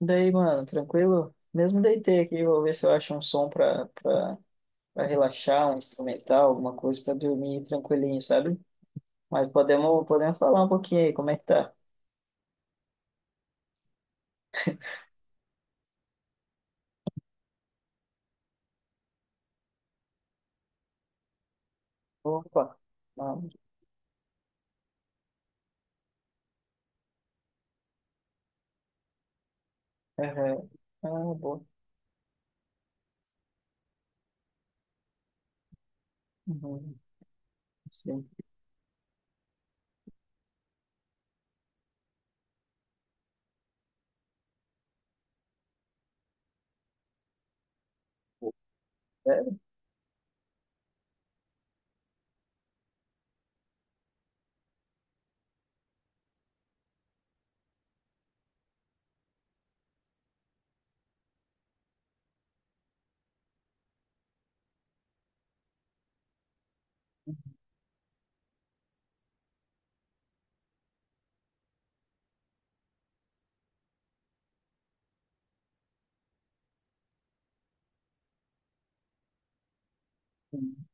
Daí, mano, tranquilo? Mesmo deitei aqui, vou ver se eu acho um som pra relaxar, um instrumental, alguma coisa pra dormir tranquilinho, sabe? Mas podemos falar um pouquinho aí, como é que tá? Opa! Ah, aham. Ah, boa. Uhum. Sim. Sério? Uhum.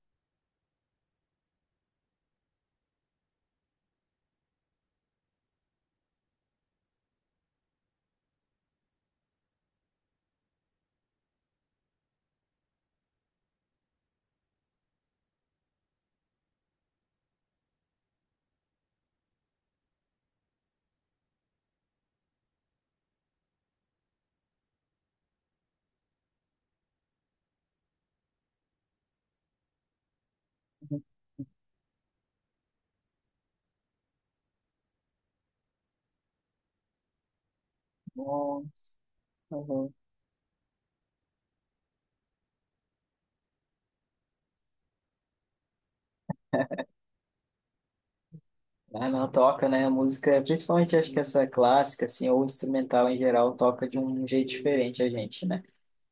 Bom. Uhum. Ah, não, toca, né? A música, principalmente acho que essa clássica, assim, ou instrumental em geral, toca de um jeito diferente a gente, né?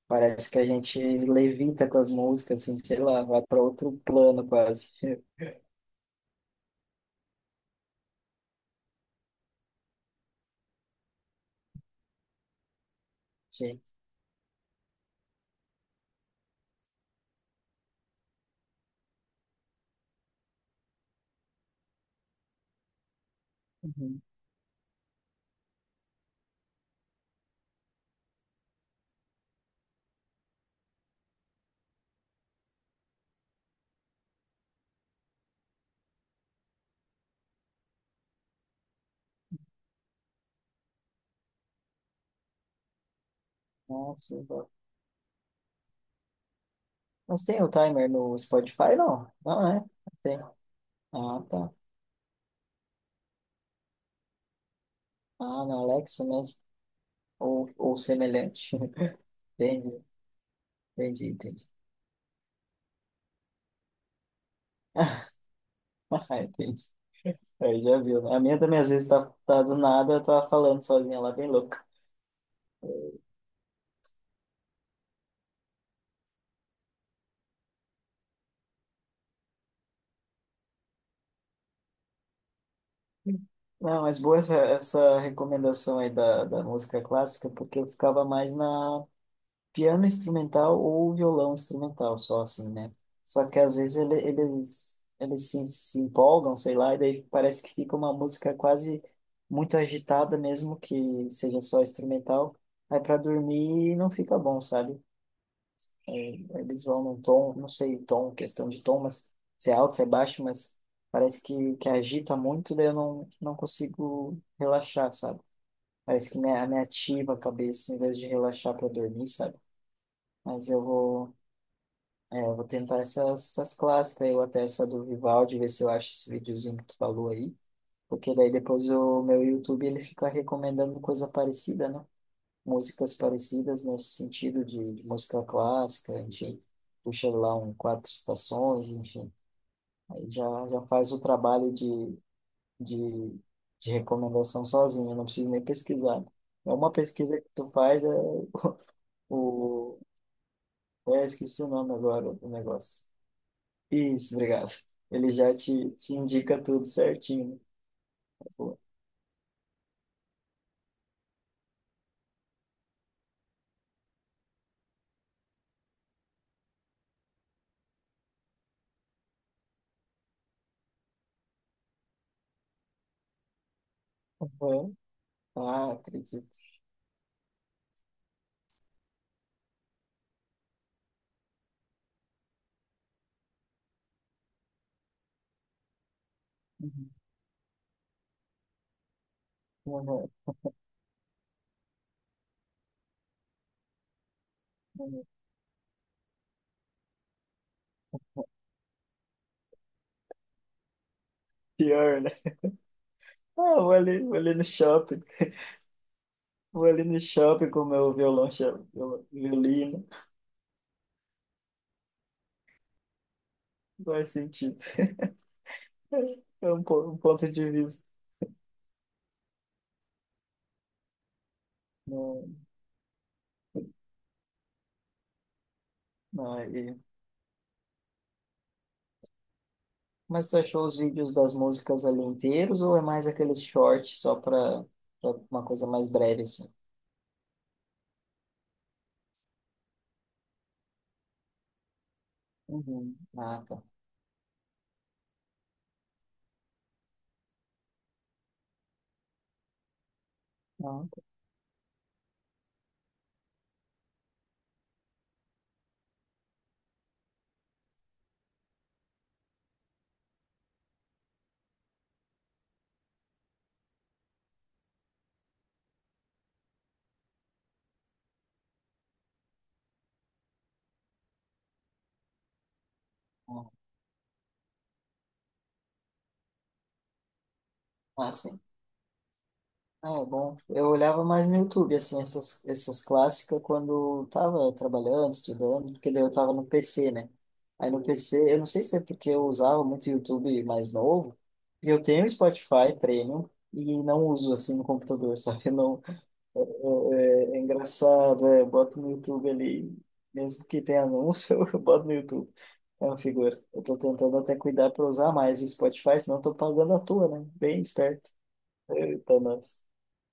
Parece que a gente levita com as músicas, assim, sei lá, vai para outro plano quase. Sim. Uhum. Nossa, mas tem o timer no Spotify, não? Não, né? Tem. Ah, tá. Ah, na Alexa mesmo. Ou semelhante. Entendi, entendi, entendi. Ah, entendi. Aí já viu, né? A minha também às vezes tá do nada, tá falando sozinha lá, bem louca. Não, mas boa essa recomendação aí da música clássica, porque eu ficava mais na piano instrumental ou violão instrumental, só assim, né? Só que às vezes eles se empolgam, sei lá, e daí parece que fica uma música quase muito agitada, mesmo que seja só instrumental. Aí para dormir não fica bom, sabe? É, eles vão num tom, não sei, tom, questão de tom, mas se é alto, se é baixo, mas parece que agita muito, daí eu não consigo relaxar, sabe? Parece que me ativa a cabeça em vez de relaxar para dormir, sabe? Mas eu vou. É, eu vou tentar essas clássicas, eu até essa do Vivaldi, ver se eu acho esse videozinho que tu falou aí, porque daí depois o meu YouTube ele fica recomendando coisa parecida, né? Músicas parecidas nesse sentido de música clássica, enfim, puxa lá um quatro estações, enfim, aí já faz o trabalho de, de recomendação sozinho, eu não preciso nem pesquisar. É uma pesquisa que tu faz, é, o, esqueci o nome agora do negócio. Isso, obrigado. Ele já te indica tudo certinho, né? Pô, aham. Ah, acredito. Uhum. Aham, aham. Pior, né? Ah, vou ali no shopping. Vou ali no shopping com o meu violino. Não faz sentido. É um, um ponto de vista. Não, não, e- Mas tu achou os vídeos das músicas ali inteiros ou é mais aqueles shorts só para uma coisa mais breve, assim? Uhum. Ah, tá. Ah, tá. Ah, sim. Ah, é bom. Eu olhava mais no YouTube, assim, essas clássicas quando eu tava trabalhando, estudando, porque daí eu tava no PC, né? Aí no PC, eu não sei se é porque eu usava muito YouTube mais novo, porque eu tenho Spotify Premium e não uso, assim, no computador, sabe? Eu não, é, é engraçado, é, eu boto no YouTube ali, mesmo que tenha anúncio, eu boto no YouTube. É uma figura. Eu tô tentando até cuidar pra usar mais o Spotify, senão eu tô pagando à toa, né? Bem esperto. Eita, nossa.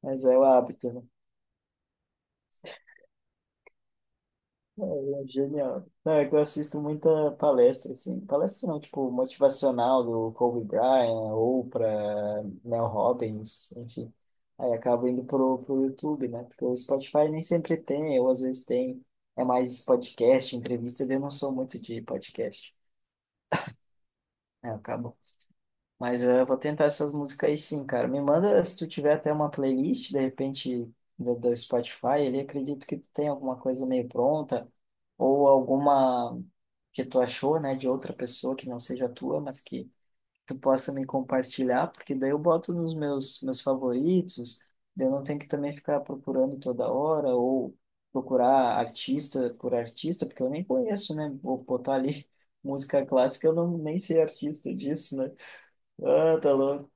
Mas é o hábito, né? É genial. Não, é que eu assisto muita palestra, assim. Palestra não, tipo, motivacional do Kobe Bryant, Oprah, Mel Robbins, enfim. Aí acabo indo pro YouTube, né? Porque o Spotify nem sempre tem, ou às vezes tem. É mais podcast, entrevista, eu não sou muito de podcast. É, acabou. Mas eu vou tentar essas músicas aí sim, cara. Me manda se tu tiver até uma playlist, de repente, do Spotify, ele acredito que tu tem alguma coisa meio pronta ou alguma que tu achou, né, de outra pessoa que não seja tua, mas que tu possa me compartilhar, porque daí eu boto nos meus meus favoritos, daí eu não tenho que também ficar procurando toda hora ou procurar artista por artista, porque eu nem conheço, né? Vou botar ali música clássica, eu não nem sei artista disso, né? Ah, tá louco.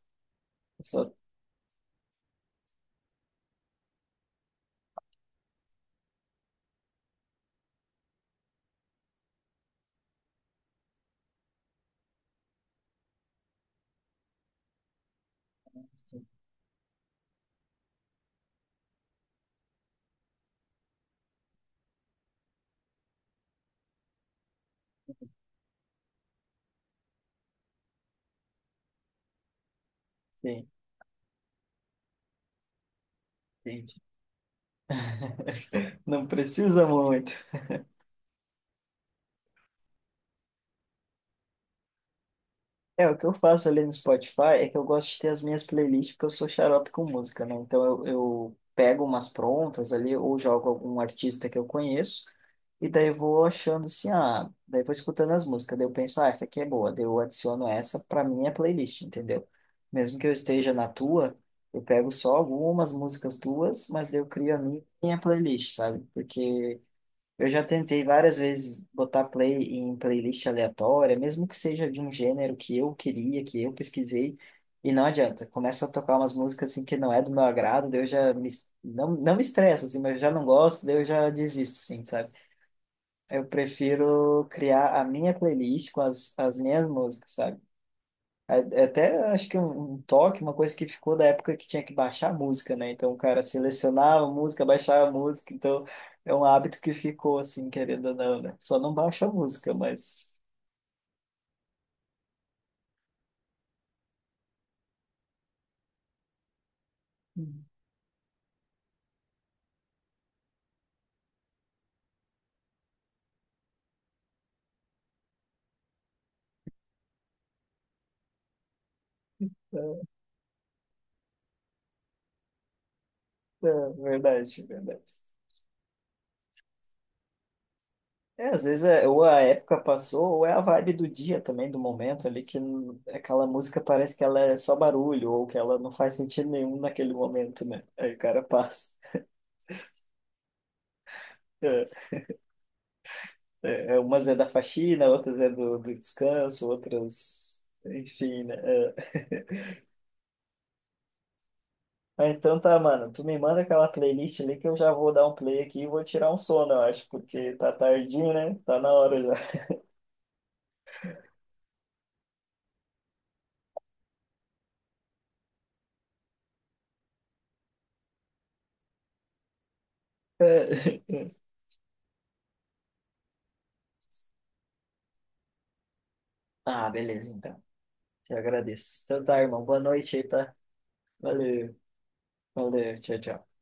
Só sim, entendi. Não precisa muito. É, o que eu faço ali no Spotify é que eu gosto de ter as minhas playlists, porque eu sou xarope com música, né? Então eu pego umas prontas ali, ou jogo algum artista que eu conheço, e daí eu vou achando assim, ah, daí vou escutando as músicas, daí eu penso, ah, essa aqui é boa, daí eu adiciono essa pra minha playlist, entendeu? Mesmo que eu esteja na tua, eu pego só algumas músicas tuas, mas daí eu crio a minha playlist, sabe? Porque eu já tentei várias vezes botar play em playlist aleatória, mesmo que seja de um gênero que eu queria, que eu pesquisei, e não adianta. Começa a tocar umas músicas assim que não é do meu agrado, daí eu já não, não me estresso, assim, mas eu já não gosto, daí eu já desisto, assim, sabe? Eu prefiro criar a minha playlist com as minhas músicas, sabe? Até acho que um toque, uma coisa que ficou da época que tinha que baixar a música, né? Então o cara selecionava a música, baixava a música, então é um hábito que ficou assim, querendo ou não, né? Só não baixa a música, mas. Hum. É, verdade, é verdade. É, às vezes é, ou a época passou, ou é a vibe do dia também, do momento ali, que aquela música parece que ela é só barulho, ou que ela não faz sentido nenhum naquele momento, né? Aí o cara passa. É. É, é, umas é da faxina, outras é do descanso, outras. Enfim, né? É. Ah, então tá, mano. Tu me manda aquela playlist ali que eu já vou dar um play aqui e vou tirar um sono, eu acho, porque tá tardinho, né? Tá na hora já. Ah, beleza, então. Te agradeço. Então tá, irmão. Boa noite aí, tá? Valeu, valeu. Tchau, tchau.